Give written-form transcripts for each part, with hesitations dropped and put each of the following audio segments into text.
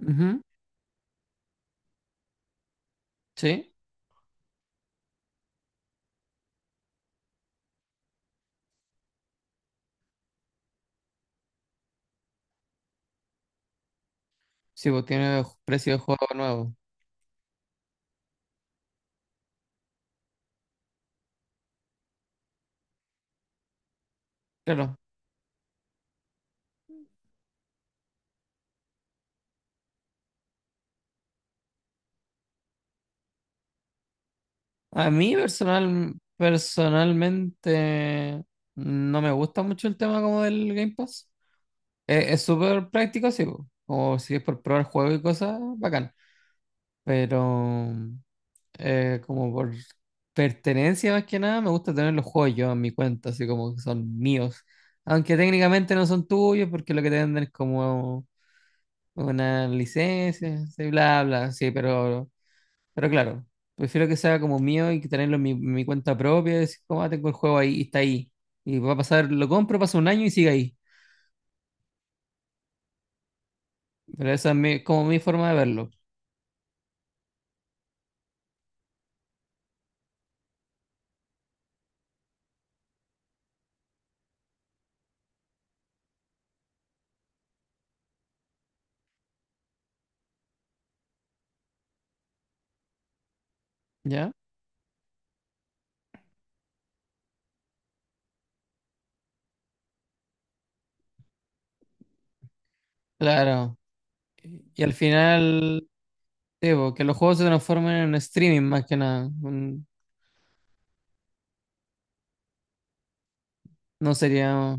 Ujú. Sí, sí, pues tiene precio de juego nuevo. Claro, a mí personalmente no me gusta mucho el tema como del Game Pass. Es súper práctico, sí, pues, como si es por probar juegos y cosas, bacán. Pero como por pertenencia más que nada, me gusta tener los juegos yo en mi cuenta, así como que son míos. Aunque técnicamente no son tuyos, porque lo que te venden es como una licencia, sí, bla, bla, sí, pero... Pero claro, prefiero que sea como mío y que tenerlo en mi cuenta propia, y decir, como, "Ah, tengo el juego ahí y está ahí. Y va a pasar, lo compro, pasa un año y sigue ahí." Pero esa es como mi forma de verlo. ¿Ya? Claro. Y al final, sí, po, que los juegos se transformen en streaming más que nada. Mm. No sería.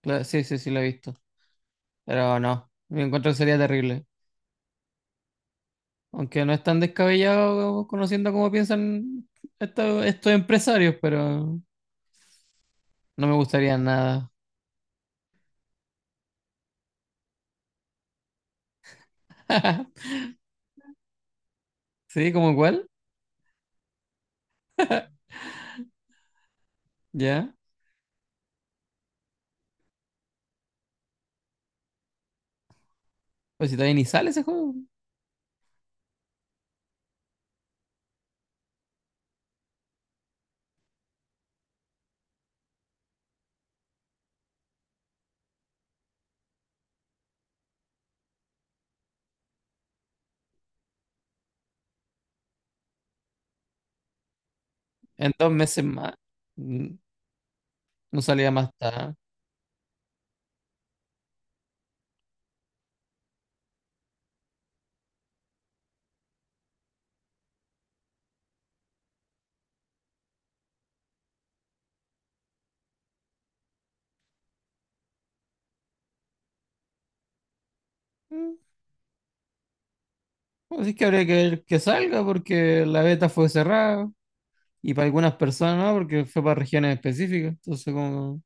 Claro, sí, sí, sí, lo he visto. Pero no, me encuentro que sería terrible. Aunque no es tan descabellado conociendo cómo piensan estos empresarios, pero no me gustaría nada. ¿Sí? ¿Cómo cuál? ¿Ya? Pues si todavía ni sale ese juego. En dos meses más. mm, No salía más tarde. Mm, Así que habría que ver que salga porque la beta fue cerrada. Y para algunas personas no, porque fue para regiones específicas. Entonces como...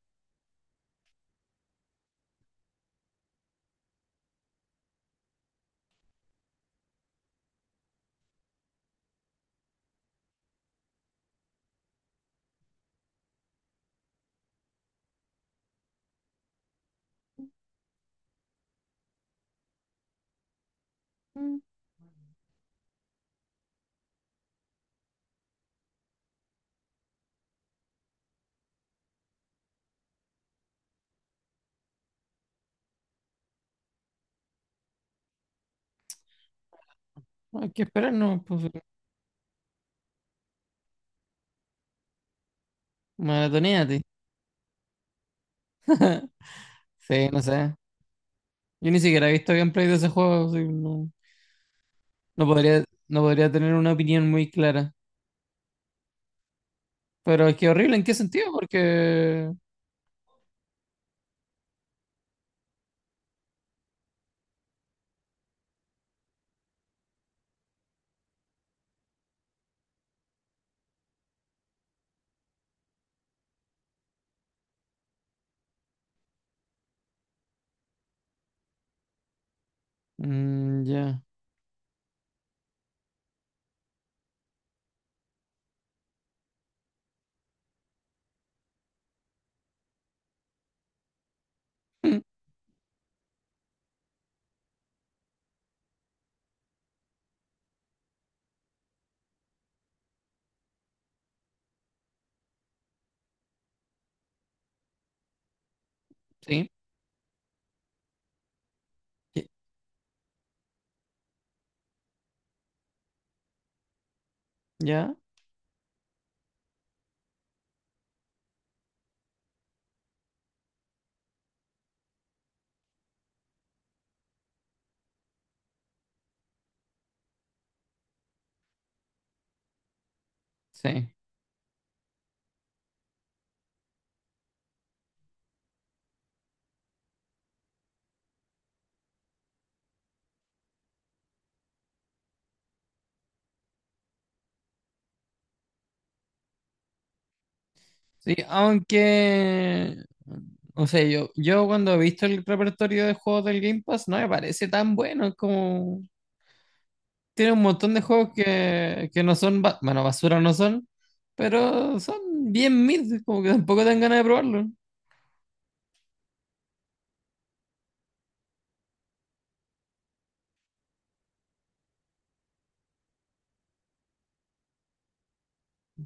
mm, Hay que esperar, ¿no? Pues, maratoneate. Sí, no sé. Yo ni siquiera he visto gameplay de ese juego, así que no, no podría tener una opinión muy clara. Pero es que horrible, ¿en qué sentido? Porque... Mm, ya. Sí. Ya. Sí. Sí, aunque, o sea, yo cuando he visto el repertorio de juegos del Game Pass, no me parece tan bueno, es como tiene un montón de juegos que no son, bueno, basura no son, pero son bien mid, como que tampoco dan ganas de probarlo.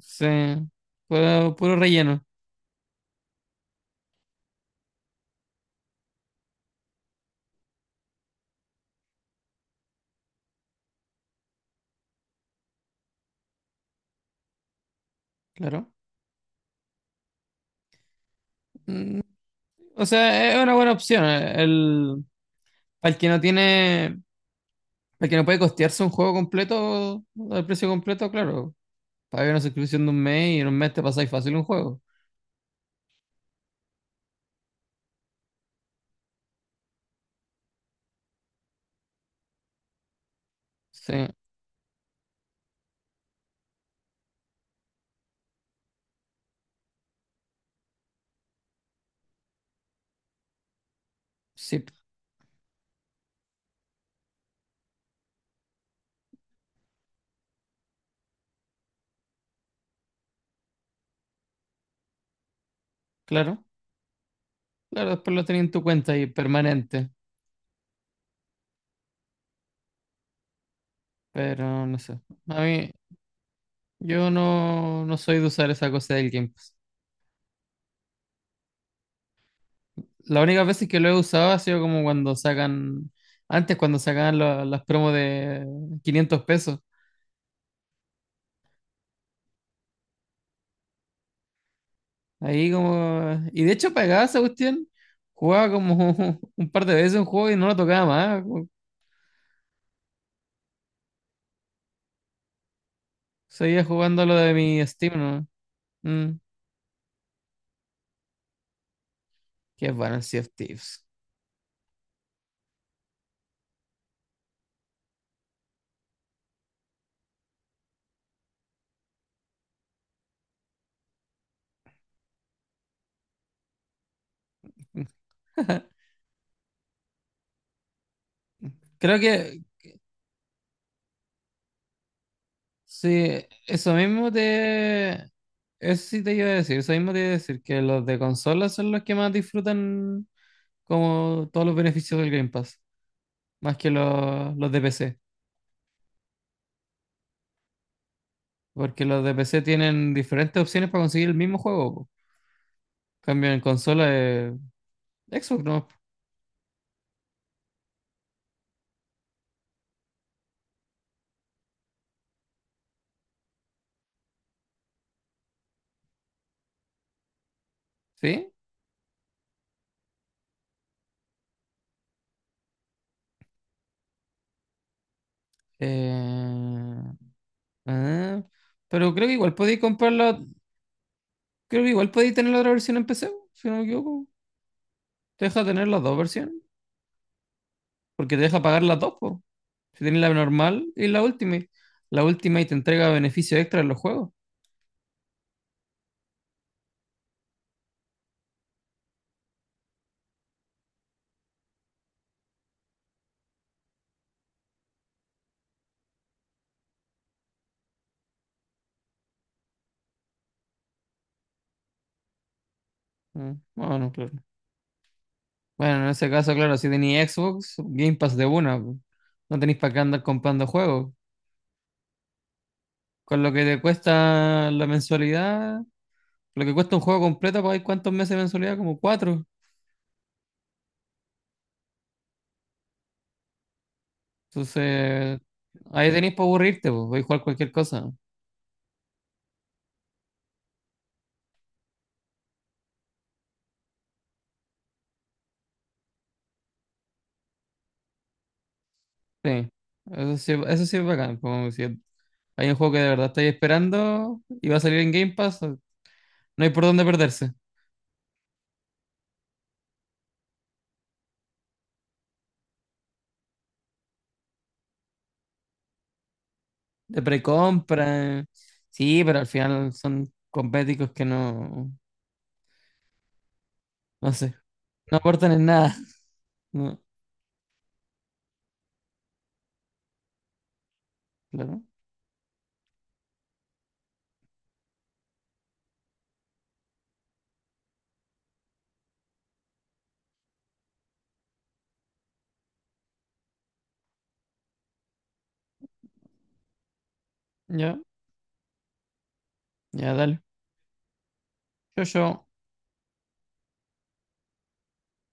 Sí, puro relleno, claro. Mm, O sea, es una buena opción. El, para el que no tiene, para el que no puede costearse un juego completo al precio completo, claro. Paga una suscripción de un mes y en un mes te pasáis fácil un juego. Sí, sí, claro. Claro, después lo tenía en tu cuenta y permanente, pero no sé. A mí, yo no, no soy de usar esa cosa del Game Pass. La única vez que lo he usado ha sido como cuando sacan, antes cuando sacaban las promos de 500 pesos. Ahí como, y de hecho pagaba esa cuestión, jugaba como un par de veces un juego y no lo tocaba más, seguía jugando lo de mi Steam, ¿no? Mm, qué bueno el Sea of Thieves. Creo que, sí, eso mismo te... Eso sí te iba a decir, eso mismo te iba a decir, que los de consola son los que más disfrutan como todos los beneficios del Game Pass, más que los de PC, porque los de PC tienen diferentes opciones para conseguir el mismo juego, po. Cambio en consola, Xbox, ¿no? ¿Sí? Eh, ah, pero creo que igual podéis comprarla, creo que igual podéis tener la otra versión en PC, po, si no me equivoco. Te deja tener las dos versiones, porque te deja pagar las dos, pues. Si tenés la normal y la última. La última y te entrega beneficios extra en los juegos. Bueno, claro. Bueno, en ese caso, claro, si tenéis Xbox, Game Pass de una, po. No tenéis para qué andar comprando juegos. Con lo que te cuesta la mensualidad, lo que cuesta un juego completo, pues hay cuántos meses de mensualidad, como 4. Entonces, ahí tenéis para aburrirte, pues, podéis jugar cualquier cosa. Sí, eso sí, eso sí es bacán. Como si hay un juego que de verdad estáis esperando y va a salir en Game Pass, no hay por dónde perderse. De precompra. Sí, pero al final son cosméticos que no, no sé, no aportan en nada. No, claro. Ya, ya, dale. Yo, yo.